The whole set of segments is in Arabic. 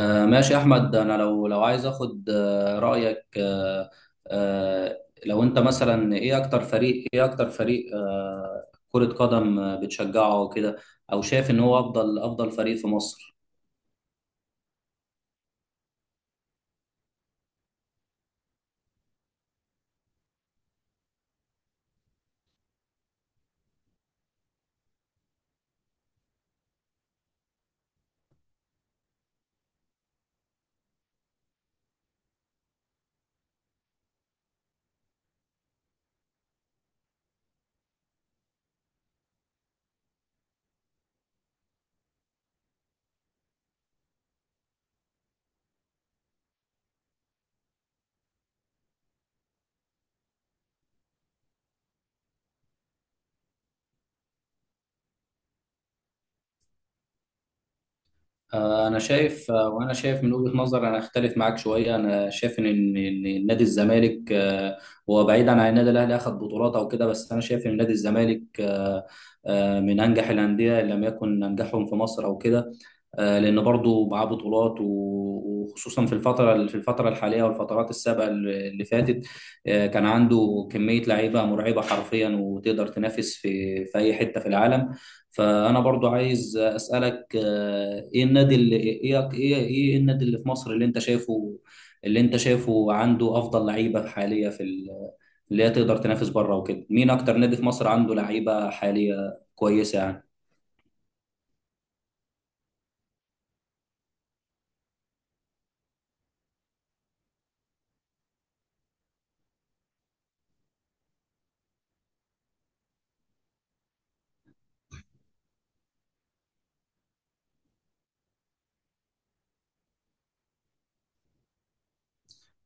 ماشي يا احمد، انا لو عايز اخد رايك. آه، لو انت مثلا ايه اكتر فريق كرة قدم بتشجعه وكده، او شايف ان هو افضل فريق في مصر؟ انا شايف. وانا شايف من وجهة نظر، انا اختلف معاك شوية. انا شايف ان إن نادي الزمالك هو بعيدا عن النادي الاهلي اخذ بطولات او كده، بس انا شايف ان نادي الزمالك من انجح الاندية إن لم يكن انجحهم في مصر او كده. لان برضو معاه بطولات وخصوصا في الفتره، الحاليه والفترات السابقه اللي فاتت. كان عنده كميه لعيبه مرعبه حرفيا، وتقدر تنافس في اي حته في العالم. فانا برضو عايز اسالك ايه النادي اللي ايه ايه ايه النادي اللي في مصر، اللي انت شايفه عنده افضل لعيبه حاليه في اللي هي تقدر تنافس بره وكده. مين اكتر نادي في مصر عنده لعيبه حاليه كويسه يعني؟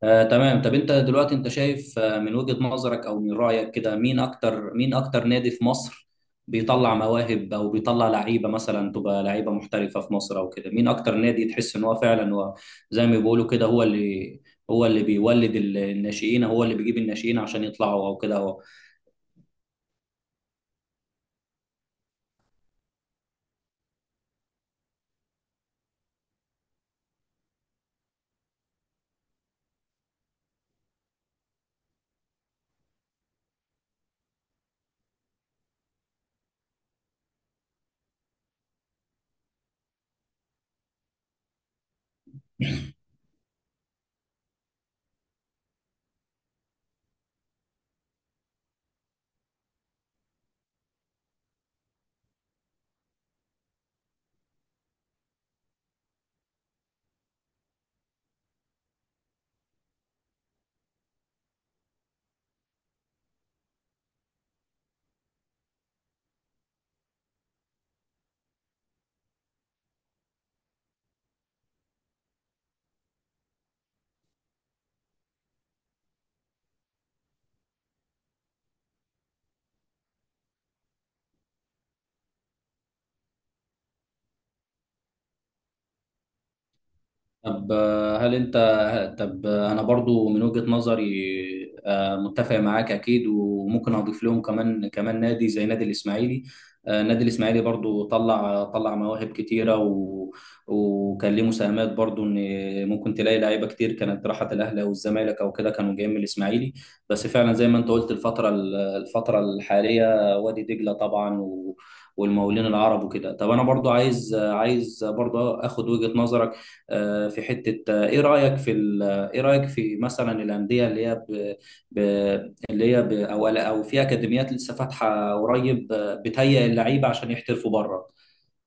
تمام. طب انت دلوقتي شايف من وجهة نظرك او من رأيك كده، مين اكتر نادي في مصر بيطلع مواهب، او بيطلع لعيبة مثلا تبقى لعيبة محترفة في مصر او كده؟ مين اكتر نادي تحس ان هو فعلا هو زي ما بيقولوا كده، هو اللي بيولد الناشئين، هو اللي بيجيب الناشئين عشان يطلعوا او كده؟ طب هل انت، طب انا برضو من وجهة نظري متفق معاك اكيد، وممكن اضيف لهم كمان نادي زي نادي الاسماعيلي. نادي الاسماعيلي برضو طلع مواهب كتيرة، وكان ليه مساهمات برضو، ان ممكن تلاقي لعيبة كتير كانت راحت الاهلي او الزمالك او كده، كانوا جايين من الاسماعيلي. بس فعلا زي ما انت قلت الفترة، الفترة الحالية، وادي دجلة طبعا والمقاولين العرب وكده. طب انا برضو عايز برضو اخد وجهة نظرك في حتة. إيه رأيك في مثلا الأندية اللي هي ب... ب... اللي هي ب... أو أو في أكاديميات لسه فاتحة قريب بتهيئ اللعيبة عشان يحترفوا بره،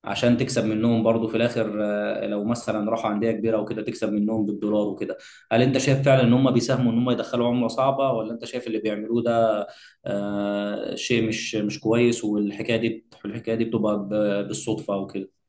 عشان تكسب منهم برضو في الآخر لو مثلا راحوا أندية كبيرة وكده تكسب منهم بالدولار وكده. هل أنت شايف فعلا إن هم بيساهموا إن هم يدخلوا عملة صعبة، ولا أنت شايف اللي بيعملوه ده شيء مش كويس، والحكاية دي الحكاية دي بتبقى بالصدفة وكده؟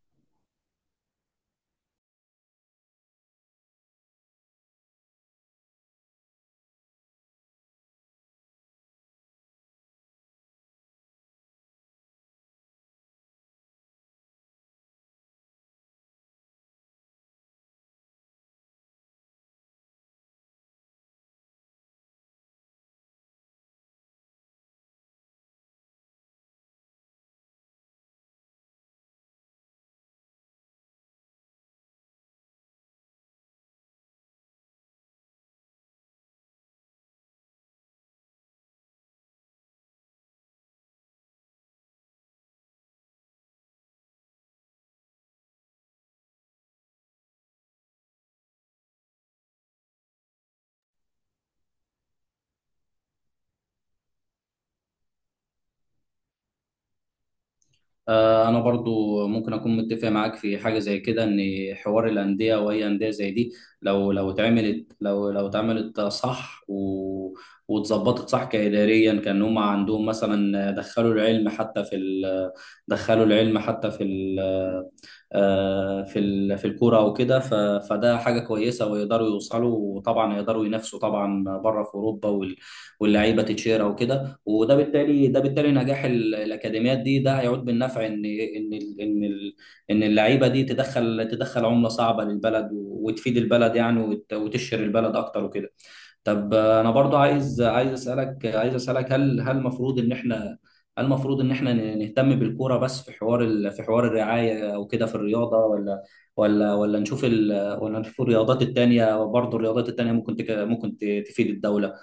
انا برضو ممكن اكون متفق معاك في حاجه زي كده، ان حوار الانديه واي انديه زي دي لو لو اتعملت لو لو اتعملت صح واتظبطت صح كاداريا، كان هم عندهم مثلا دخلوا العلم حتى في ال... آه، في ال- في الكوره وكده. فده حاجه كويسه، ويقدروا يوصلوا، وطبعا يقدروا ينافسوا طبعا بره في اوروبا، واللعيبه تتشير وكده. وده بالتالي ده بالتالي نجاح الاكاديميات دي، ده هيعود بالنفع ان اللعيبه دي تدخل عمله صعبه للبلد، وتفيد البلد يعني، وتشهر البلد اكتر وكده. طب انا برضو عايز اسالك هل هل المفروض ان احنا هل المفروض ان احنا نهتم بالكوره بس في حوار الرعايه وكده في الرياضه؟ ولا نشوف ال... ولا نشوف الرياضات التانيه برضو. الرياضات التانيه ممكن تفيد الدوله.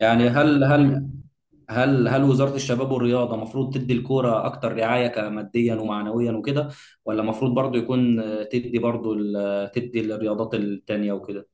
يعني هل وزاره الشباب والرياضه المفروض تدي الكوره اكتر رعايه، كماديا ومعنويا وكده، ولا المفروض برضو يكون تدي برضو تدي الرياضات التانيه وكده؟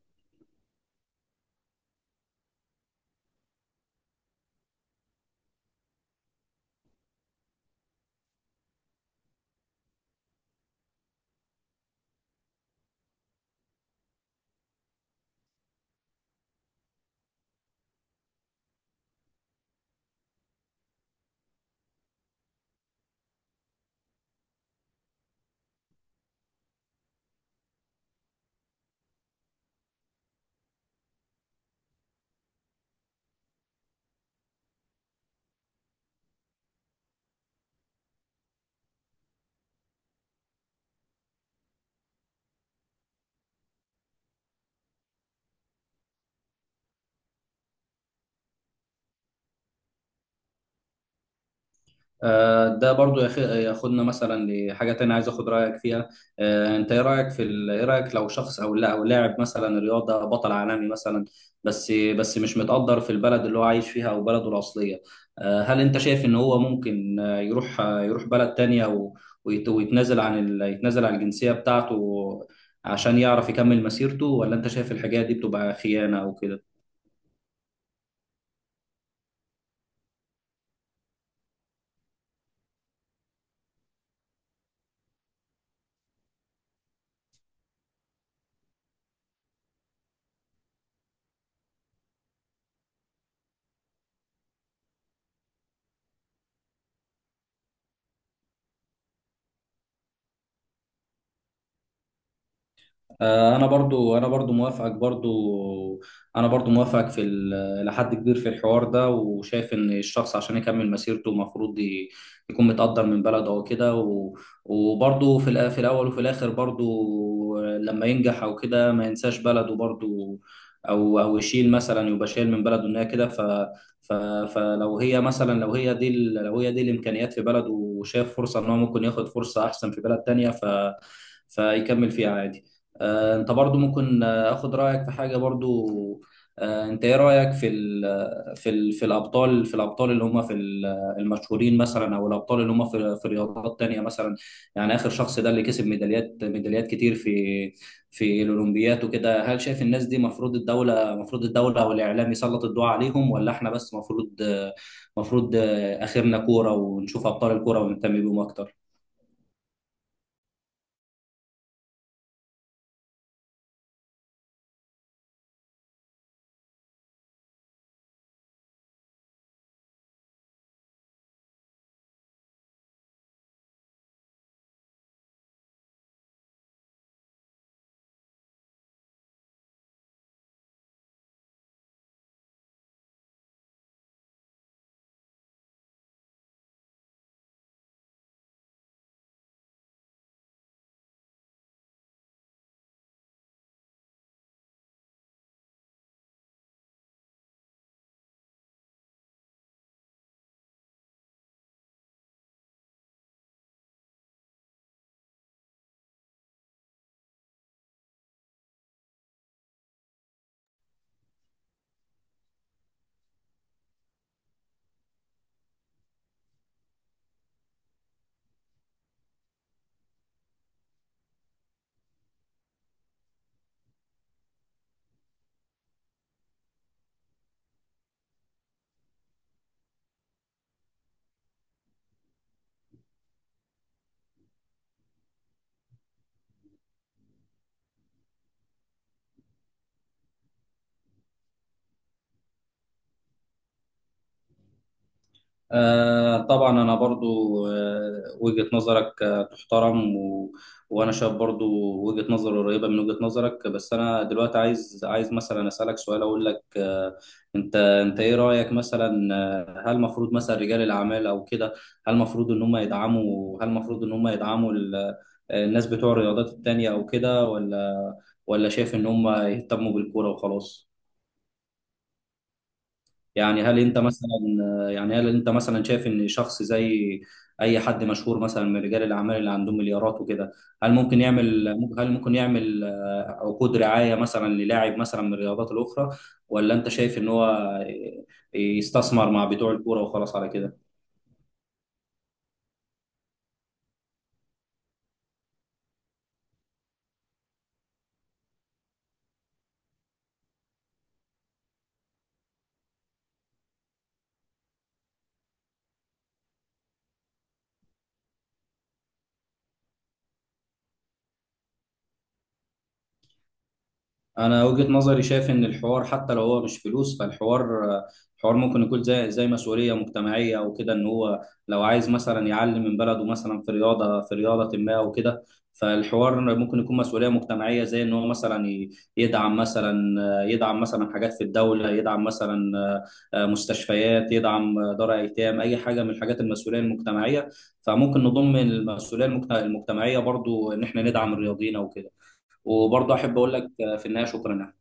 ده برضو ياخدنا مثلا لحاجة تانية، عايز اخد رأيك فيها. انت ايه رأيك في ال... ايه رأيك لو شخص او لا او لاعب مثلا رياضة بطل عالمي مثلا، بس مش متقدر في البلد اللي هو عايش فيها او بلده الأصلية. هل انت شايف ان هو ممكن يروح بلد تانية، ويتنازل عن يتنازل عن الجنسية بتاعته، عشان يعرف يكمل مسيرته، ولا انت شايف الحاجات دي بتبقى خيانة او كده؟ انا برضو موافقك برضو، انا برضو موافقك في لحد كبير في الحوار ده، وشايف ان الشخص عشان يكمل مسيرته المفروض يكون متقدر من بلده او كده، وبرضو في الاول وفي الاخر برضو لما ينجح او كده ما ينساش بلده برضو، او يشيل مثلا، يبقى شايل من بلده ان هي كده. ف ف فلو هي مثلا لو هي دي الامكانيات في بلده، وشاف فرصة ان هو ممكن ياخد فرصة احسن في بلد تانية، فيكمل فيها عادي. انت برضو ممكن اخد رايك في حاجه برضو. انت ايه رايك في ال في ال في الابطال في الابطال اللي هم في المشهورين مثلا، او الابطال اللي هم في رياضات تانية مثلا. يعني اخر شخص ده اللي كسب ميداليات، كتير في الاولمبيات وكده. هل شايف الناس دي مفروض الدوله، او الاعلام يسلط الضوء عليهم، ولا احنا بس مفروض مفروض آه، اخرنا كوره ونشوف ابطال الكوره ونهتم بيهم اكتر؟ طبعا انا برضو وجهة نظرك تحترم، وانا شايف برضو وجهة نظر قريبة من وجهة نظرك، بس انا دلوقتي عايز مثلا اسالك سؤال، اقول لك انت ايه رايك مثلا؟ هل المفروض مثلا رجال الاعمال او كده، هل المفروض ان هم يدعموا الناس بتوع الرياضات التانية او كده، ولا شايف ان هم يهتموا بالكورة وخلاص؟ يعني هل انت مثلا يعني هل انت مثلا شايف ان شخص زي اي حد مشهور مثلا من رجال الاعمال اللي عندهم مليارات وكده، هل ممكن يعمل هل ممكن يعمل عقود رعاية مثلا للاعب مثلا من الرياضات الاخرى، ولا انت شايف ان هو يستثمر مع بتوع الكورة وخلاص على كده؟ انا وجهة نظري شايف ان الحوار حتى لو هو مش فلوس، الحوار ممكن يكون زي مسؤولية مجتمعية او كده، ان هو لو عايز مثلا يعلم من بلده مثلا في رياضة، ما او كده. فالحوار ممكن يكون مسؤولية مجتمعية زي ان هو مثلا يدعم مثلا يدعم مثلا حاجات في الدولة، يدعم مثلا مستشفيات، يدعم دار ايتام، اي حاجة من الحاجات المسؤولية المجتمعية. فممكن نضم المسؤولية المجتمعية برضو ان احنا ندعم الرياضيين او كده. وبرضه احب اقول لك في النهايه، شكرا.